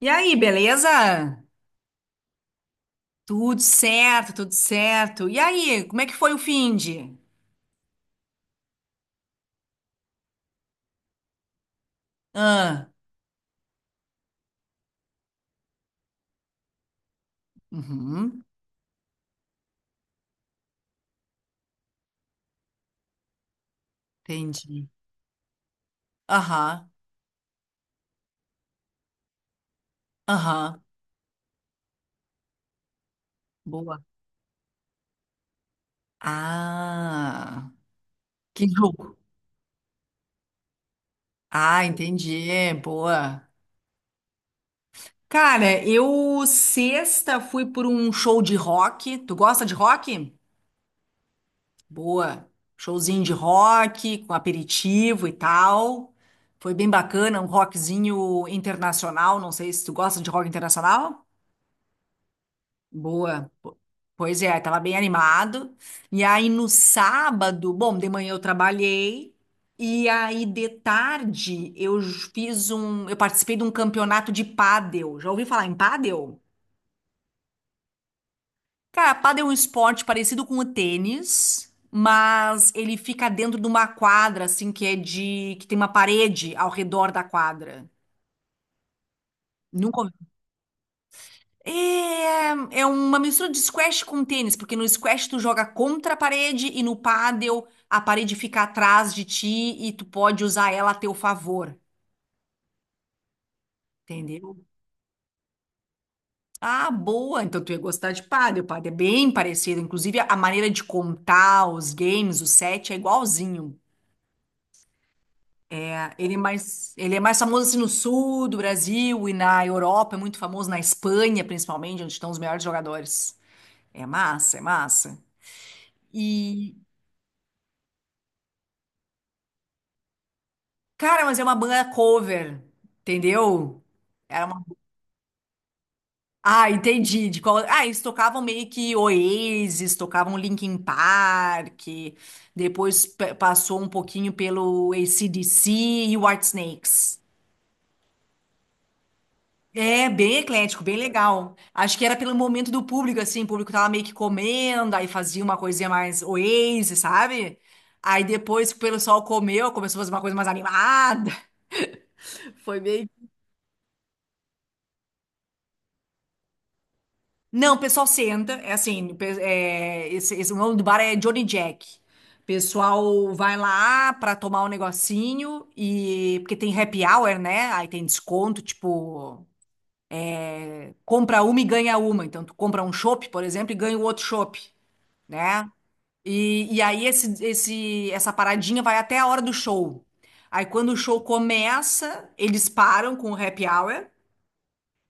E aí, beleza? Tudo certo, tudo certo. E aí, como é que foi o finde? Ah, uhum, entendi. Aham, aham, boa. Ah, que jogo. Ah, entendi, boa. Cara, eu sexta fui por um show de rock. Tu gosta de rock? Boa. Showzinho de rock, com aperitivo e tal. Foi bem bacana, um rockzinho internacional. Não sei se tu gosta de rock internacional. Boa. Pois é, tava bem animado. E aí no sábado, bom, de manhã eu trabalhei. E aí de tarde eu eu participei de um campeonato de pádel. Já ouvi falar em pádel? Cara, pádel é um esporte parecido com o tênis, mas ele fica dentro de uma quadra, assim, que é de que tem uma parede ao redor da quadra. Nunca ouvi. É, é uma mistura de squash com tênis, porque no squash tu joga contra a parede e no pádel a parede fica atrás de ti e tu pode usar ela a teu favor, entendeu? Ah, boa! Então tu ia gostar de pádel. Pádel é bem parecido, inclusive a maneira de contar os games, o set é igualzinho. Ele é mais famoso assim, no sul do Brasil e na Europa, é muito famoso na Espanha, principalmente, onde estão os melhores jogadores. É massa, é massa. E, cara, mas é uma banda cover, entendeu? Era uma Ah, entendi. De qual Ah, eles tocavam meio que Oasis, tocavam Linkin Park, depois passou um pouquinho pelo AC/DC e o Whitesnakes. É bem eclético, bem legal. Acho que era pelo momento do público, assim, o público tava meio que comendo, aí fazia uma coisinha mais Oasis, sabe? Aí depois que o pessoal comeu, começou a fazer uma coisa mais animada. Foi meio. Não, o pessoal senta, é assim, o nome do bar é Johnny Jack. O pessoal vai lá pra tomar um negocinho e porque tem happy hour, né? Aí tem desconto, tipo, compra uma e ganha uma. Então tu compra um chopp, por exemplo, e ganha o outro chopp, né? E aí essa paradinha vai até a hora do show. Aí quando o show começa, eles param com o happy hour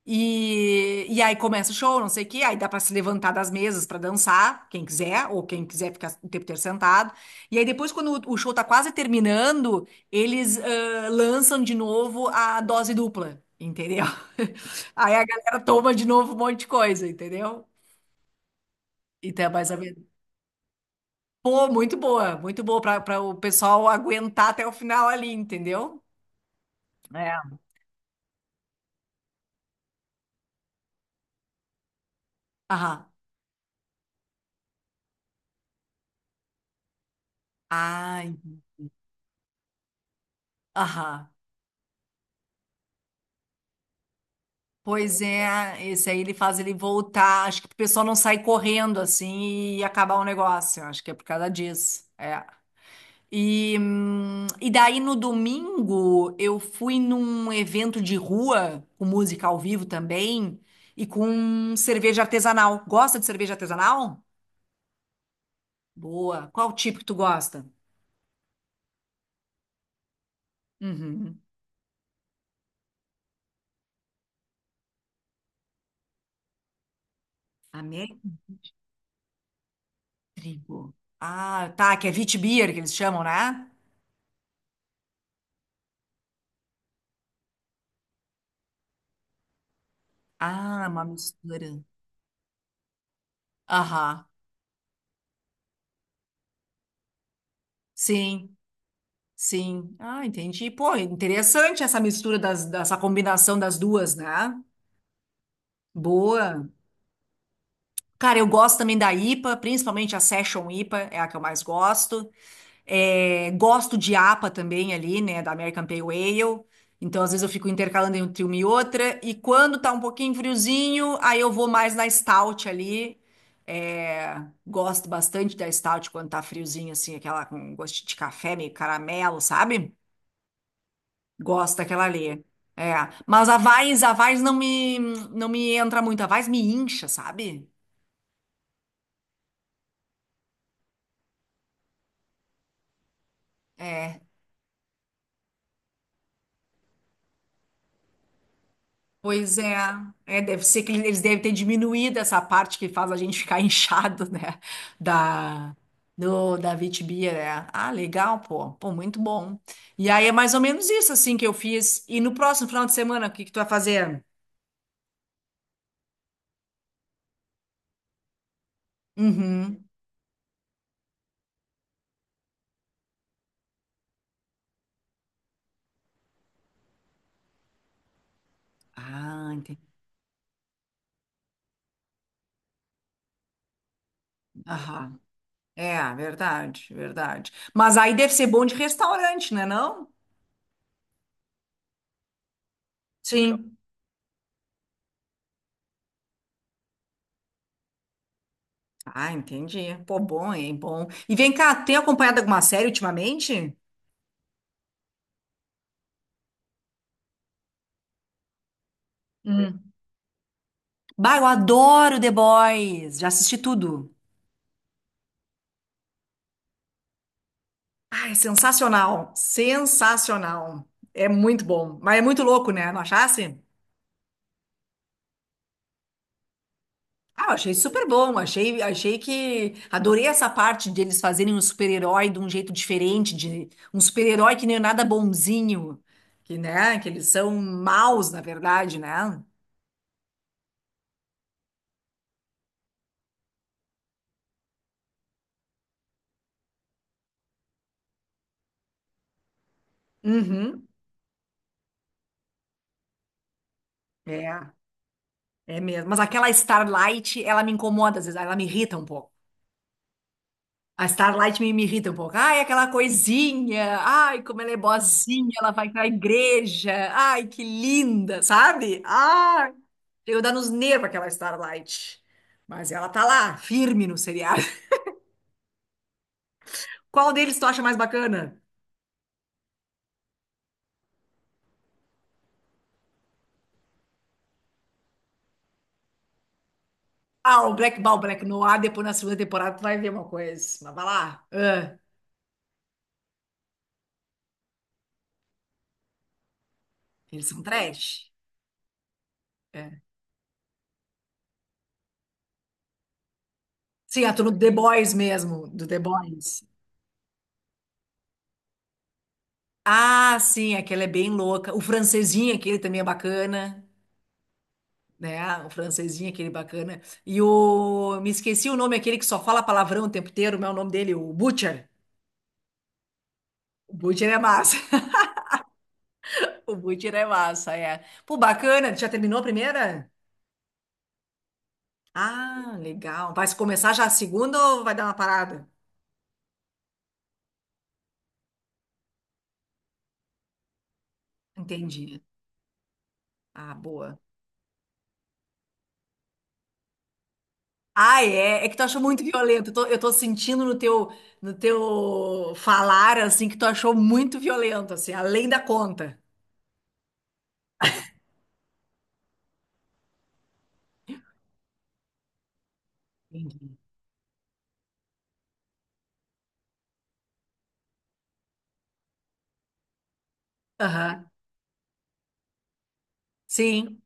e aí começa o show, não sei o quê. Aí dá pra se levantar das mesas pra dançar, quem quiser, ou quem quiser ficar o tempo inteiro sentado. E aí depois, quando o show tá quase terminando, eles lançam de novo a dose dupla, entendeu? Aí a galera toma de novo um monte de coisa, entendeu? Então é mais ou menos. Pô, muito boa para o pessoal aguentar até o final ali, entendeu? É. Aham. Ai, aham. Pois é, esse aí ele faz ele voltar. Acho que o pessoal não sai correndo assim e acabar o negócio. Acho que é por causa disso. É. E, e daí no domingo eu fui num evento de rua, com música ao vivo também, e com cerveja artesanal. Gosta de cerveja artesanal? Boa. Qual tipo que tu gosta? Uhum. Amém? Trigo. Ah, tá, que é Witbier que eles chamam, né? Ah, uma mistura. Aham, sim, sim. Ah, entendi. Pô, interessante essa mistura das, dessa combinação das duas, né? Boa. Cara, eu gosto também da IPA, principalmente a Session IPA, é a que eu mais gosto. É, gosto de APA também ali, né, da American Pale Ale. Então, às vezes eu fico intercalando entre uma e outra. E quando tá um pouquinho friozinho, aí eu vou mais na Stout ali. É, gosto bastante da Stout quando tá friozinho, assim, aquela com gosto de café, meio caramelo, sabe? Gosto daquela ali. É, mas a Weiss não me entra muito. A Weiss me incha, sabe? É. Pois é, é, deve ser que eles devem ter diminuído essa parte que faz a gente ficar inchado, né? Da, da vitibia, né? Ah, legal, pô. Pô, muito bom. E aí é mais ou menos isso, assim, que eu fiz. E no próximo final de semana, o que que tu vai fazer? Uhum. Ah, entendi. Aham. É, verdade, verdade. Mas aí deve ser bom de restaurante, né, não? Sim. Ah, entendi. Pô, bom, hein? Bom. E vem cá, tem acompanhado alguma série ultimamente? Hum. Bah, eu adoro The Boys. Já assisti tudo. Ai, sensacional, sensacional. É muito bom, mas é muito louco, né? Não achasse? Ah, eu achei super bom. Achei, achei que adorei essa parte deles fazerem um super-herói de um jeito diferente, de um super-herói que nem nada bonzinho, que né, que eles são maus, na verdade, né? Uhum, é, é mesmo. Mas aquela Starlight, ela me incomoda às vezes, ela me irrita um pouco. A Starlight me irrita um pouco. Ai, aquela coisinha. Ai, como ela é boazinha, ela vai pra igreja. Ai, que linda, sabe? Ai, eu dá nos nervos aquela Starlight. Mas ela tá lá, firme no seriado. Qual deles tu acha mais bacana? Ah, o Black Ball, Black Noir, depois na segunda temporada tu vai ver uma coisa. Mas vai lá. Ah, eles são trash. É. Sim, a turma do The Boys mesmo, do The Boys. Ah, sim, aquela é bem louca. O francesinho, aquele também é bacana. Né? O francesinho, aquele bacana. E o. Me esqueci o nome, aquele que só fala palavrão o tempo inteiro, mas é o nome dele, o Butcher. O Butcher é massa. O Butcher é massa, é. Pô, bacana. Tu já terminou a primeira? Ah, legal. Vai se começar já a segunda ou vai dar uma parada? Entendi. Ah, boa. Ah, é. É que tu achou muito violento. Eu tô sentindo no teu falar, assim, que tu achou muito violento, assim, além da conta. Entendi. Aham. Sim.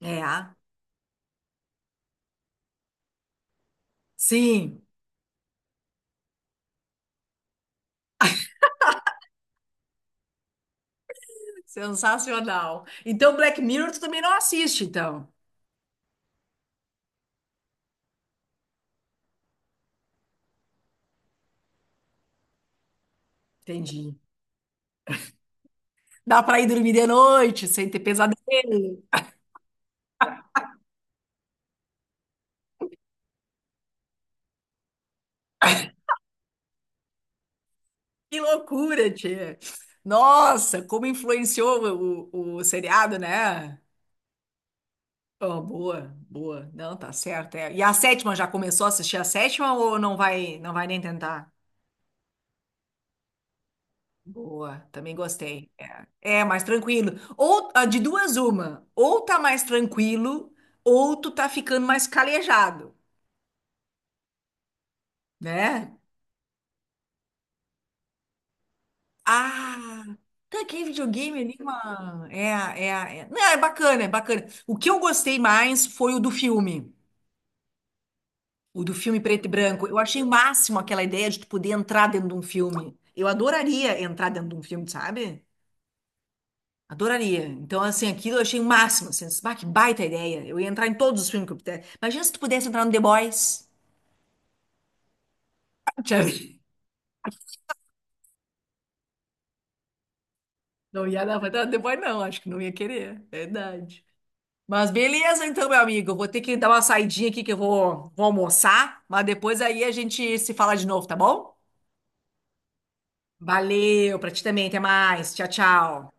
É. Sim. Sensacional. Então, Black Mirror, tu também não assiste, então. Entendi. Dá pra ir dormir de noite sem ter pesadelo. Que loucura, tia. Nossa, como influenciou o seriado, né? Oh, boa, boa. Não, tá certo. É. E a sétima, já começou a assistir a sétima ou não vai, não vai nem tentar? Boa, também gostei. É, é mais tranquilo. Ou ah, de duas, uma. Ou tá mais tranquilo, ou tu tá ficando mais calejado, né? Ah, tá que videogame ali, uma É, é, a- é. Não, é bacana, é bacana. O que eu gostei mais foi o do filme preto e branco. Eu achei o máximo aquela ideia de tu poder entrar dentro de um filme. Eu adoraria entrar dentro de um filme, sabe? Adoraria. Então, assim, aquilo eu achei o máximo. Assim, bah, que baita ideia. Eu ia entrar em todos os filmes que eu pudesse. Imagina se tu pudesse entrar no The Boys. Já vi. Não ia dar pra entrar no The Boys, não. Acho que não ia querer. Verdade. Mas beleza, então, meu amigo. Eu vou ter que dar uma saidinha aqui que eu vou, vou almoçar, mas depois aí a gente se fala de novo, tá bom? Valeu, pra ti também. Até mais. Tchau, tchau.